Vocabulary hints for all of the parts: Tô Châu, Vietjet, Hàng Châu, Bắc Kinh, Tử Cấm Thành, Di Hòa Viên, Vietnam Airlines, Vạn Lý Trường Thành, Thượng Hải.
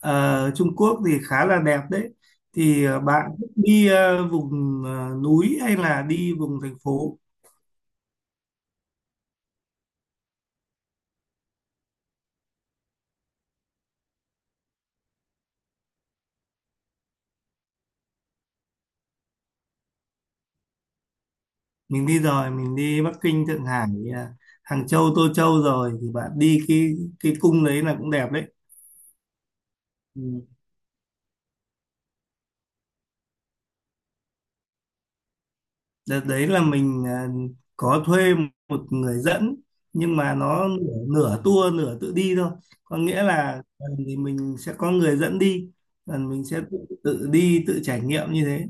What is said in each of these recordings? Ờ, Trung Quốc thì khá là đẹp đấy. Thì bạn thích đi vùng núi hay là đi vùng thành phố? Mình đi rồi, mình đi Bắc Kinh, Thượng Hải, ờ, Hàng Châu, Tô Châu rồi. Thì bạn đi cái cung đấy là cũng đẹp đấy. Ừ. Đợt đấy là mình có thuê một người dẫn, nhưng mà nó nửa tour nửa tự đi thôi. Có nghĩa là thì mình sẽ có người dẫn đi, còn mình sẽ tự đi, tự trải nghiệm như thế.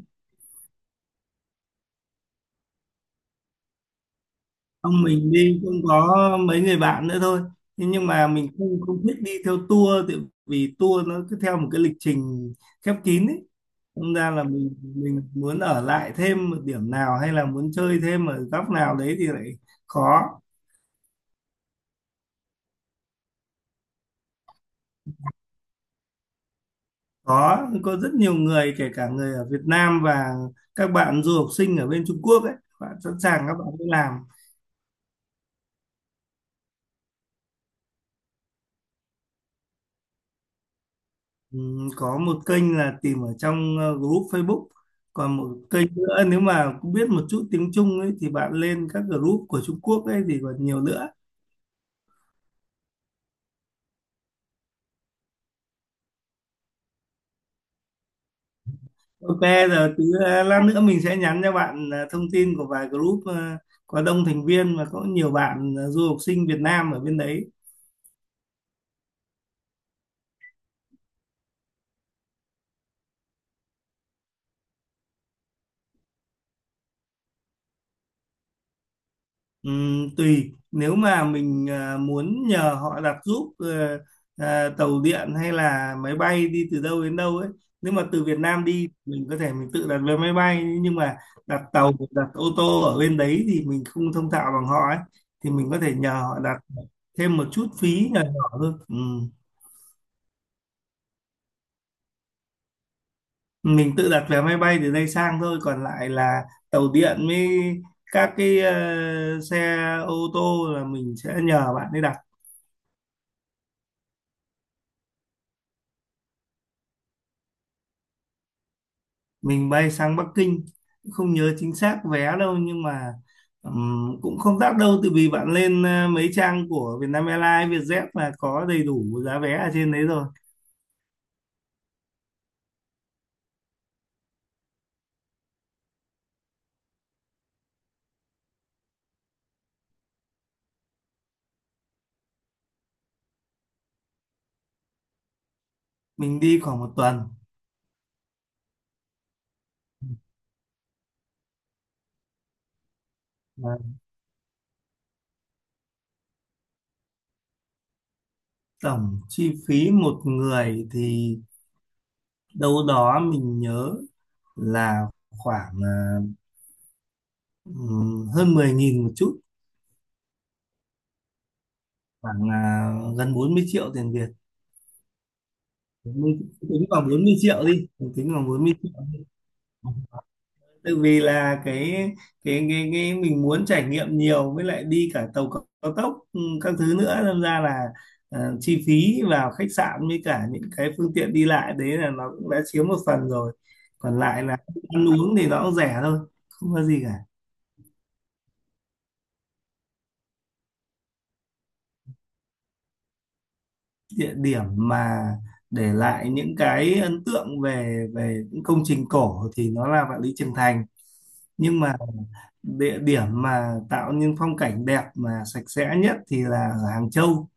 Không, mình đi cũng có mấy người bạn nữa thôi, thế nhưng mà mình không không thích đi theo tour, tại vì tour nó cứ theo một cái lịch trình khép kín ấy. Thành ra là mình muốn ở lại thêm một điểm nào hay là muốn chơi thêm ở góc nào đấy thì lại khó. Có rất nhiều người, kể cả người ở Việt Nam và các bạn du học sinh ở bên Trung Quốc ấy, bạn sẵn sàng, các bạn đi làm. Có một kênh là tìm ở trong group Facebook, còn một kênh nữa, nếu mà cũng biết một chút tiếng Trung ấy thì bạn lên các group của Trung Quốc ấy thì còn nhiều nữa. Ok, giờ tí lát nữa mình sẽ nhắn cho bạn thông tin của vài group có đông thành viên và có nhiều bạn du học sinh Việt Nam ở bên đấy. Tùy, nếu mà mình à, muốn nhờ họ đặt giúp tàu điện hay là máy bay đi từ đâu đến đâu ấy. Nếu mà từ Việt Nam đi, mình có thể mình tự đặt vé máy bay, nhưng mà đặt tàu, đặt ô tô ở bên đấy thì mình không thông thạo bằng họ ấy thì mình có thể nhờ họ đặt, thêm một chút phí nhỏ nhỏ thôi. Mình tự đặt vé máy bay từ đây sang thôi, còn lại là tàu điện với các cái xe ô tô là mình sẽ nhờ bạn ấy đặt. Mình bay sang Bắc Kinh, không nhớ chính xác vé đâu nhưng mà cũng không đắt đâu, tại vì bạn lên mấy trang của Vietnam Airlines, Vietjet là có đầy đủ giá vé ở trên đấy rồi. Mình đi khoảng một tuần. Và tổng chi phí một người thì đâu đó mình nhớ là khoảng hơn 10.000 một chút, khoảng gần 40 triệu tiền Việt. Mình tính khoảng 40 triệu đi, mình tính khoảng 40 triệu. Tại vì là cái mình muốn trải nghiệm nhiều, với lại đi cả tàu cao cao tốc, ừ, các thứ nữa, nên ra là ờ, chi phí vào khách sạn với cả những cái phương tiện đi lại đấy là nó cũng đã chiếm một phần rồi, còn lại là ăn uống thì nó cũng rẻ thôi, không có gì cả. Địa điểm mà để lại những cái ấn tượng về về những công trình cổ thì nó là Vạn Lý Trường Thành, nhưng mà địa điểm mà tạo nên phong cảnh đẹp mà sạch sẽ nhất thì là ở Hàng Châu,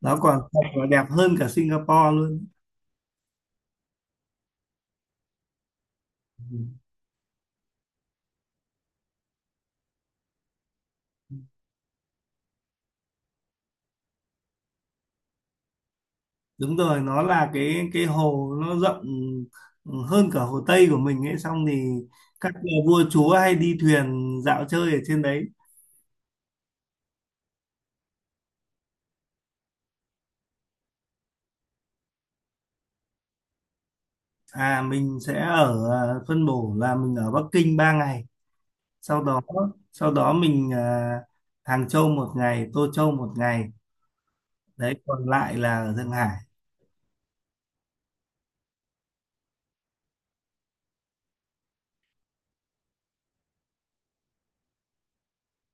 nó còn thật và đẹp hơn cả Singapore luôn. Ừ, đúng rồi, nó là cái hồ nó rộng, ừ, hơn cả hồ Tây của mình ấy, xong thì các nhà vua chúa hay đi thuyền dạo chơi ở trên đấy. À mình sẽ ở, à, phân bổ là mình ở Bắc Kinh 3 ngày, sau đó, sau đó mình à, Hàng Châu một ngày, Tô Châu một ngày, đấy, còn lại là ở Thượng Hải.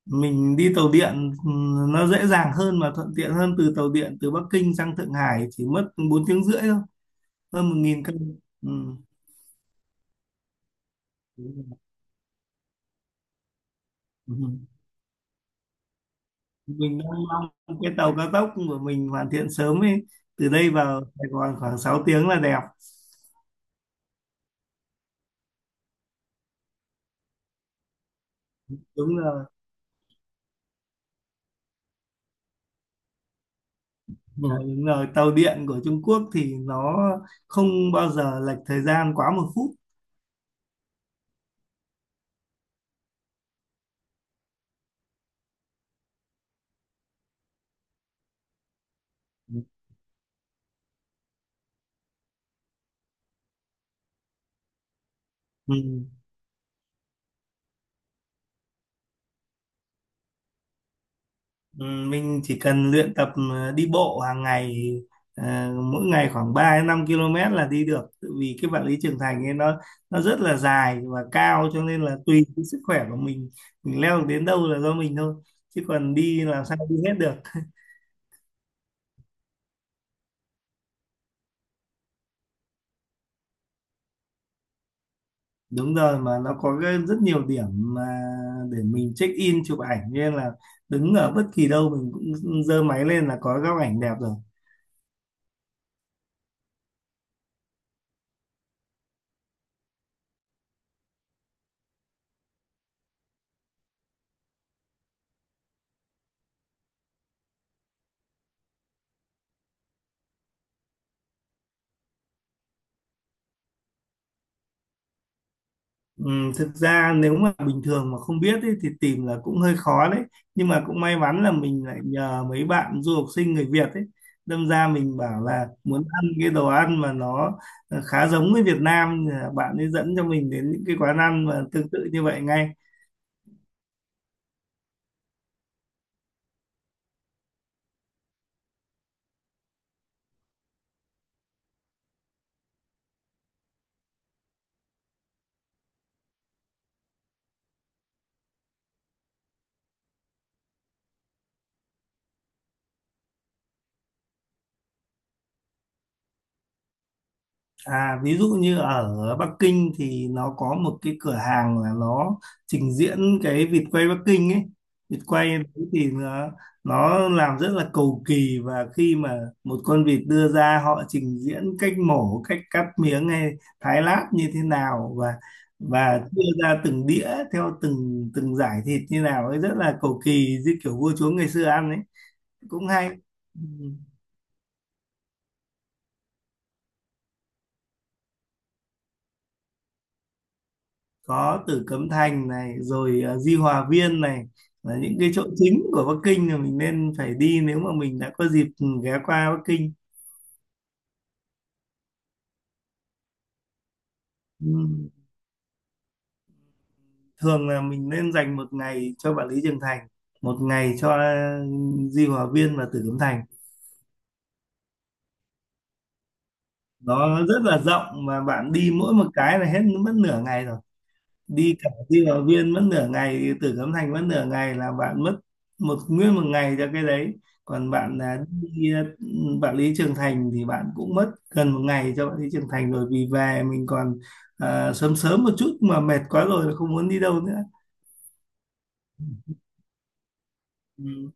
Mình đi tàu điện, ừ, nó dễ dàng hơn mà thuận tiện hơn, từ tàu điện từ Bắc Kinh sang Thượng Hải chỉ mất 4 tiếng rưỡi thôi, hơn 1.000 cân, ừ. Đúng rồi. Ừ. Mình đang mong cái tàu cao tốc của mình hoàn thiện sớm ấy, từ đây vào Sài Gòn khoảng 6 tiếng là đẹp. Đúng rồi. Ừ, đúng rồi, tàu điện của Trung Quốc thì nó không bao giờ lệch thời gian quá một phút. Ừ. Ừ, mình chỉ cần luyện tập đi bộ hàng ngày, ờ, mỗi ngày khoảng ba đến 5 km là đi được. Tại vì cái vật lý trưởng thành ấy nó rất là dài và cao, cho nên là tùy cái sức khỏe của mình leo được đến đâu là do mình thôi, chứ còn đi làm sao đi hết được. Đúng rồi, mà nó có rất nhiều điểm mà để mình check in chụp ảnh, nên là đứng ở bất kỳ đâu mình cũng giơ máy lên là có góc ảnh đẹp rồi. Thực ra nếu mà bình thường mà không biết ấy, thì tìm là cũng hơi khó đấy, nhưng mà cũng may mắn là mình lại nhờ mấy bạn du học sinh người Việt ấy, đâm ra mình bảo là muốn ăn cái đồ ăn mà nó khá giống với Việt Nam thì là bạn ấy dẫn cho mình đến những cái quán ăn mà tương tự như vậy ngay. À, ví dụ như ở Bắc Kinh thì nó có một cái cửa hàng là nó trình diễn cái vịt quay Bắc Kinh ấy. Vịt quay đấy thì nó làm rất là cầu kỳ, và khi mà một con vịt đưa ra họ trình diễn cách mổ, cách cắt miếng hay thái lát như thế nào, và đưa ra từng đĩa theo từng từng giải thịt như nào ấy, rất là cầu kỳ như kiểu vua chúa ngày xưa ăn ấy, cũng hay. Ừ. Có Tử Cấm Thành này rồi Di Hòa Viên này, là những cái chỗ chính của Bắc Kinh mà mình nên phải đi nếu mà mình đã có dịp ghé qua Bắc Kinh. Ừ, thường là mình nên dành một ngày cho Vạn Lý Trường Thành, một ngày cho Di Hòa Viên và Tử Cấm Thành. Nó rất là rộng, mà bạn đi mỗi một cái là hết mất nửa ngày rồi. Đi cả đi vào viên mất nửa ngày, từ Cấm Thành mất nửa ngày, là bạn mất một nguyên một ngày cho cái đấy. Còn bạn là đi Vạn Lý Trường Thành thì bạn cũng mất gần một ngày cho Vạn Lý Trường Thành rồi, vì về mình còn sớm sớm một chút mà mệt quá rồi là không muốn đi đâu nữa. Ừ.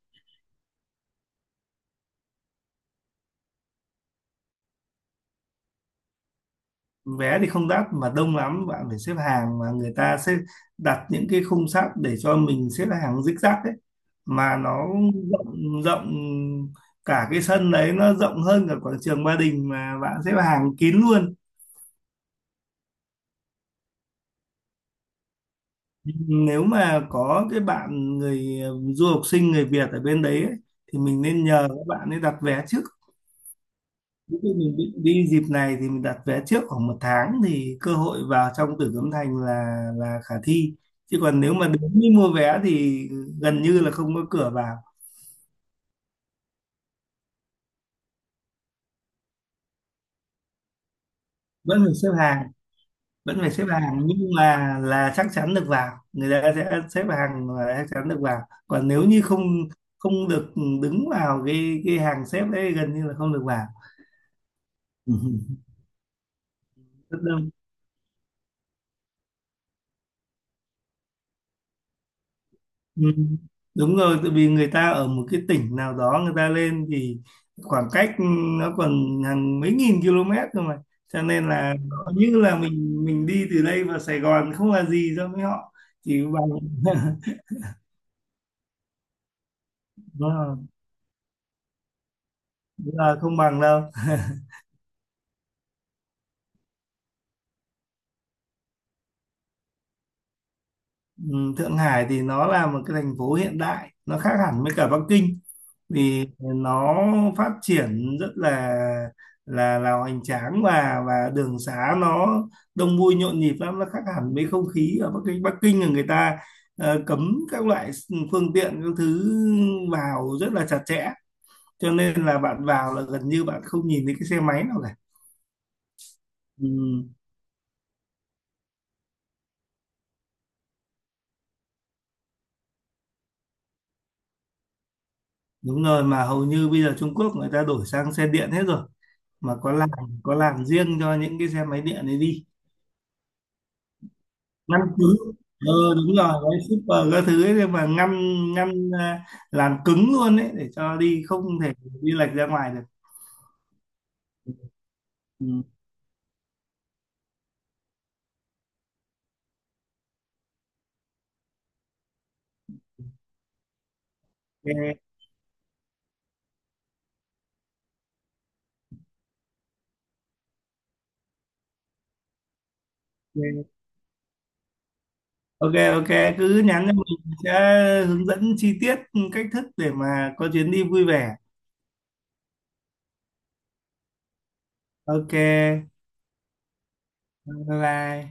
Vé thì không đắt mà đông lắm, bạn phải xếp hàng, mà người ta sẽ đặt những cái khung sắt để cho mình xếp hàng zigzag ấy, mà nó rộng rộng, cả cái sân đấy nó rộng hơn cả quảng trường Ba Đình mà bạn xếp hàng kín luôn. Nếu mà có cái bạn người du học sinh người Việt ở bên đấy ấy, thì mình nên nhờ các bạn ấy đặt vé trước. Nếu như mình định đi dịp này thì mình đặt vé trước khoảng một tháng thì cơ hội vào trong Tử Cấm Thành là khả thi, chứ còn nếu mà đến đi mua vé thì gần như là không có cửa vào. Vẫn phải xếp hàng. Vẫn phải xếp hàng nhưng mà là chắc chắn được vào, người ta sẽ xếp hàng và chắc chắn được vào, còn nếu như không, không được đứng vào cái hàng xếp đấy gần như là không được vào. Rất đông. Ừ, đúng rồi, tại vì người ta ở một cái tỉnh nào đó người ta lên thì khoảng cách nó còn hàng mấy nghìn km cơ mà, cho nên là nó như là mình đi từ đây vào Sài Gòn không là gì so với họ, chỉ bằng đúng là, đúng là không bằng đâu. Ừ, Thượng Hải thì nó là một cái thành phố hiện đại, nó khác hẳn với cả Bắc Kinh, vì nó phát triển rất là hoành tráng, và đường xá nó đông vui nhộn nhịp lắm, nó khác hẳn với không khí ở Bắc Kinh. Bắc Kinh là người ta cấm các loại phương tiện các thứ vào rất là chặt chẽ, cho nên là bạn vào là gần như bạn không nhìn thấy cái xe máy nào cả. Ừ, đúng rồi, mà hầu như bây giờ Trung Quốc người ta đổi sang xe điện hết rồi, mà có làn riêng cho những cái xe máy điện ấy đi. Ngâm cứng, ừ, đúng rồi, gói super các thứ ấy, nhưng mà ngâm ngâm à, làm cứng luôn đấy để cho đi không thể đi lệch ra ngoài được. Ừ. Ok. Ok, ok, ok, cứ nhắn cho mình sẽ hướng dẫn chi tiết cách thức để mà có chuyến đi vui vẻ. Ok, bye bye.